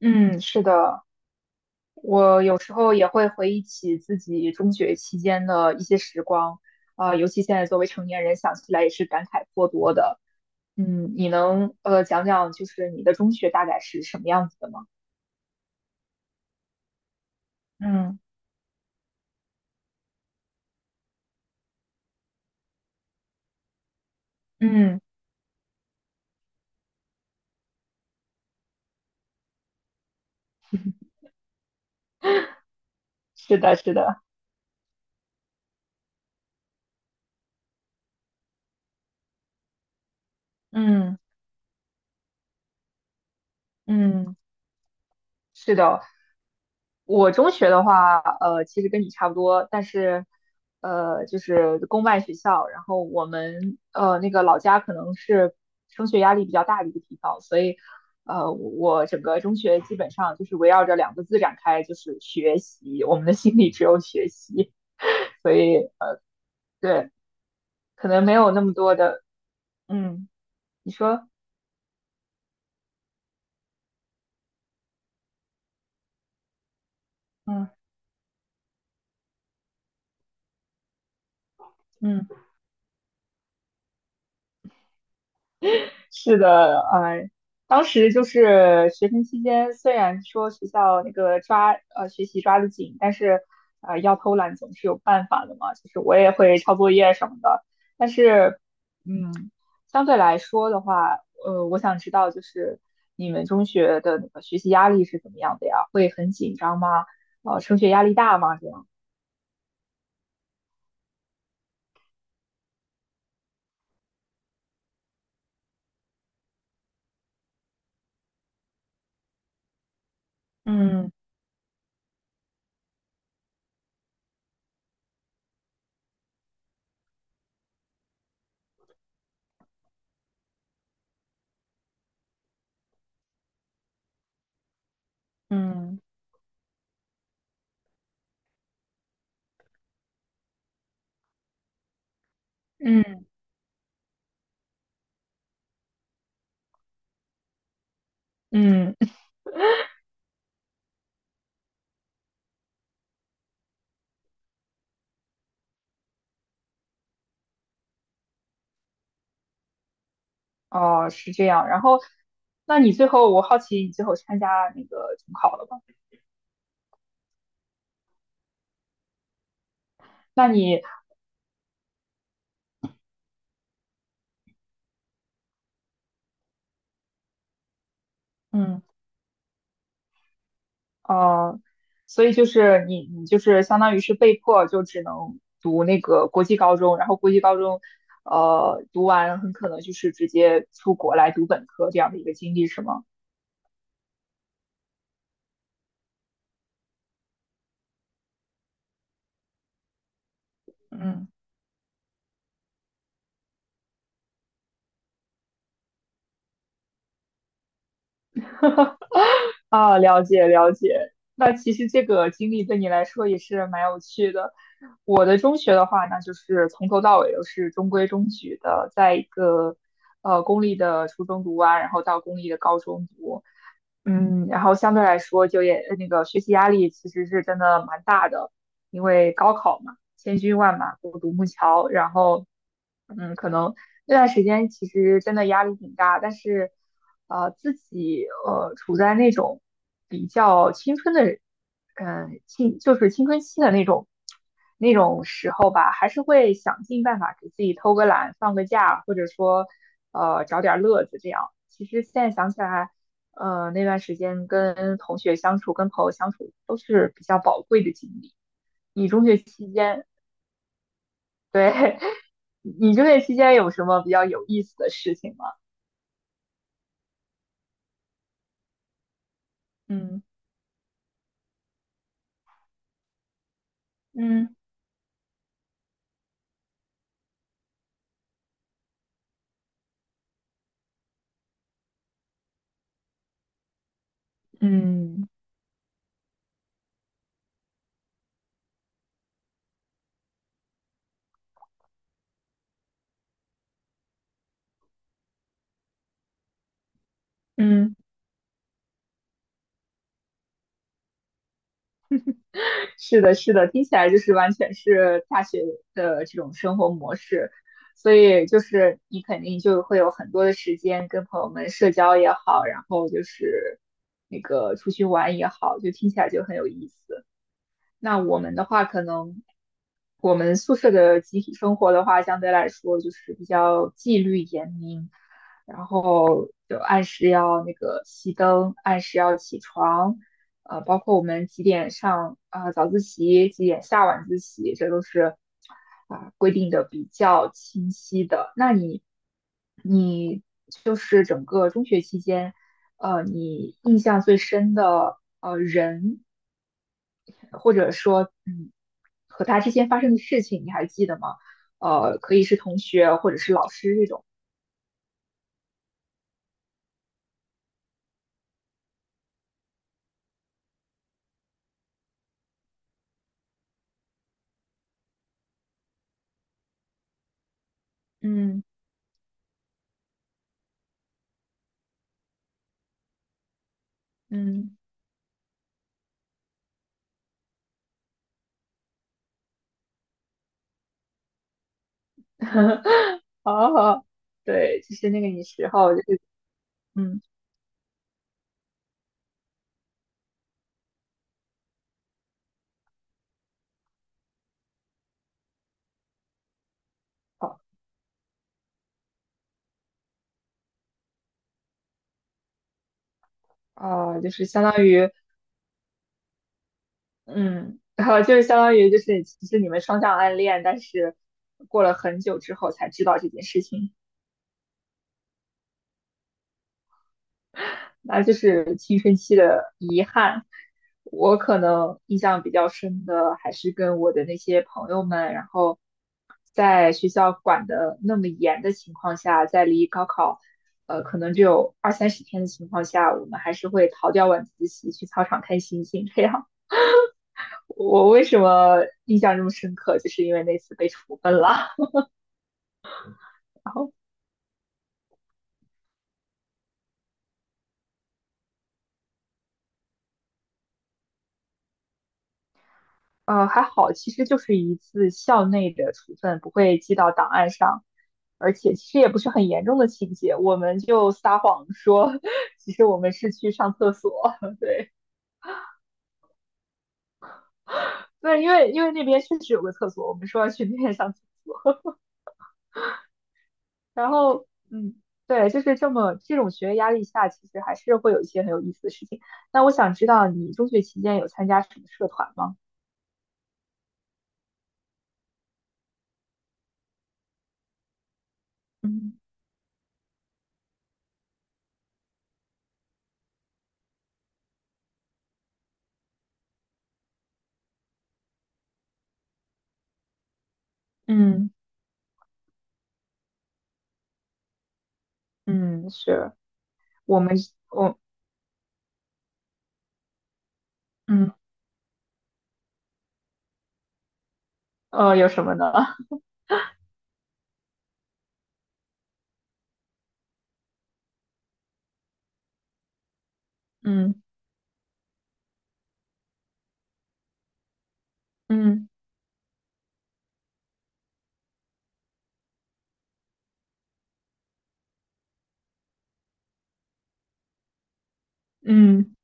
嗯，是的，我有时候也会回忆起自己中学期间的一些时光，啊、尤其现在作为成年人，想起来也是感慨颇多的。嗯，你能讲讲就是你的中学大概是什么样子的吗？嗯嗯，是的，是的，嗯嗯，是的。我中学的话，其实跟你差不多，但是，就是公办学校，然后我们那个老家可能是升学压力比较大的一个地方，所以，我整个中学基本上就是围绕着两个字展开，就是学习，我们的心里只有学习，所以，对，可能没有那么多的，嗯，你说，嗯。嗯。是的，当时就是学生期间，虽然说学校那个抓学习抓得紧，但是要偷懒总是有办法的嘛，就是我也会抄作业什么的，但是嗯，相对来说的话，我想知道就是你们中学的那个学习压力是怎么样的呀？会很紧张吗？升学压力大吗？这样？嗯嗯。嗯嗯。哦，是这样。然后，那你最后，我好奇你最后参加那个中考了吧？那你，嗯，哦，所以就是你，你就是相当于是被迫就只能读那个国际高中，然后国际高中，读完很可能就是直接出国来读本科这样的一个经历，是吗？嗯啊，了解了解。那其实这个经历对你来说也是蛮有趣的。我的中学的话，那就是从头到尾都是中规中矩的，在一个公立的初中读完，然后到公立的高中读，嗯，然后相对来说就业那个学习压力其实是真的蛮大的，因为高考嘛，千军万马过独木桥，然后嗯，可能那段时间其实真的压力挺大，但是，自己处在那种比较青春的，嗯、青就是青春期的那种时候吧，还是会想尽办法给自己偷个懒、放个假，或者说找点乐子这样。其实现在想起来，那段时间跟同学相处、跟朋友相处都是比较宝贵的经历。你中学期间，对，你就业期间有什么比较有意思的事情吗？嗯嗯嗯嗯是的，是的，听起来就是完全是大学的这种生活模式，所以就是你肯定就会有很多的时间跟朋友们社交也好，然后就是那个出去玩也好，就听起来就很有意思。那我们的话，可能我们宿舍的集体生活的话，相对来说就是比较纪律严明，然后就按时要那个熄灯，按时要起床，包括我们几点上啊早自习，几点下晚自习，这都是啊、规定的比较清晰的。那你你就是整个中学期间，你印象最深的人或者说，嗯，和他之间发生的事情你还记得吗？可以是同学或者是老师这种。嗯嗯，好好，对，就是那个你时候，就是嗯，好啊、就是相当于嗯，好，就是相当于就是其实你们双向暗恋，但是过了很久之后才知道这件事情。那就是青春期的遗憾。我可能印象比较深的还是跟我的那些朋友们，然后在学校管的那么严的情况下，在离高考可能只有二三十天的情况下，我们还是会逃掉晚自习去操场看星星。这样，我为什么印象这么深刻，就是因为那次被处分了。然后。还好，其实就是一次校内的处分，不会记到档案上，而且其实也不是很严重的情节，我们就撒谎说，其实我们是去上厕所，对，对，因为那边确实有个厕所，我们说要去那边上厕所，然后，嗯，对，就是这么这种学业压力下，其实还是会有一些很有意思的事情。那我想知道你中学期间有参加什么社团吗？嗯嗯嗯，是我们我嗯有什么呢？嗯。嗯嗯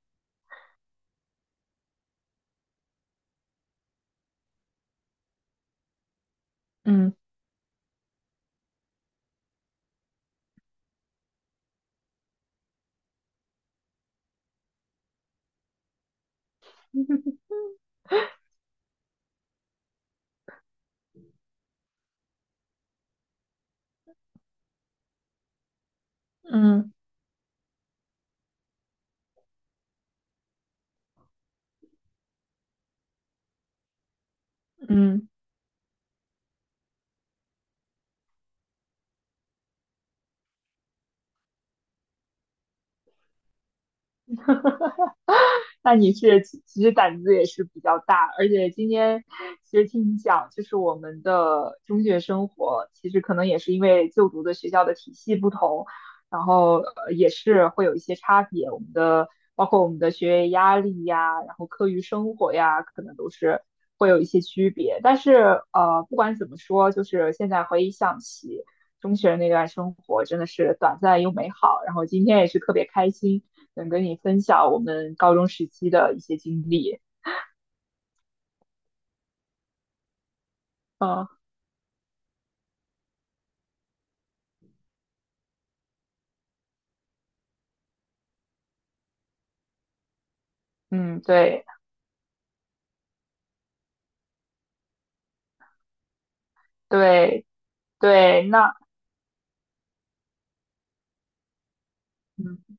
嗯嗯嗯，嗯嗯那你是其实胆子也是比较大，而且今天其实听你讲，就是我们的中学生活，其实可能也是因为就读的学校的体系不同，然后也是会有一些差别。我们的包括我们的学业压力呀，然后课余生活呀，可能都是会有一些区别。但是不管怎么说，就是现在回想起中学那段生活，真的是短暂又美好。然后今天也是特别开心。能跟你分享我们高中时期的一些经历。嗯嗯，对对对，那嗯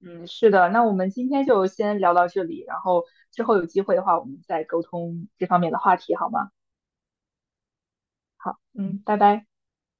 嗯是的，那我们今天就先聊到这里，然后之后有机会的话，我们再沟通这方面的话题，好吗？好，嗯，拜拜。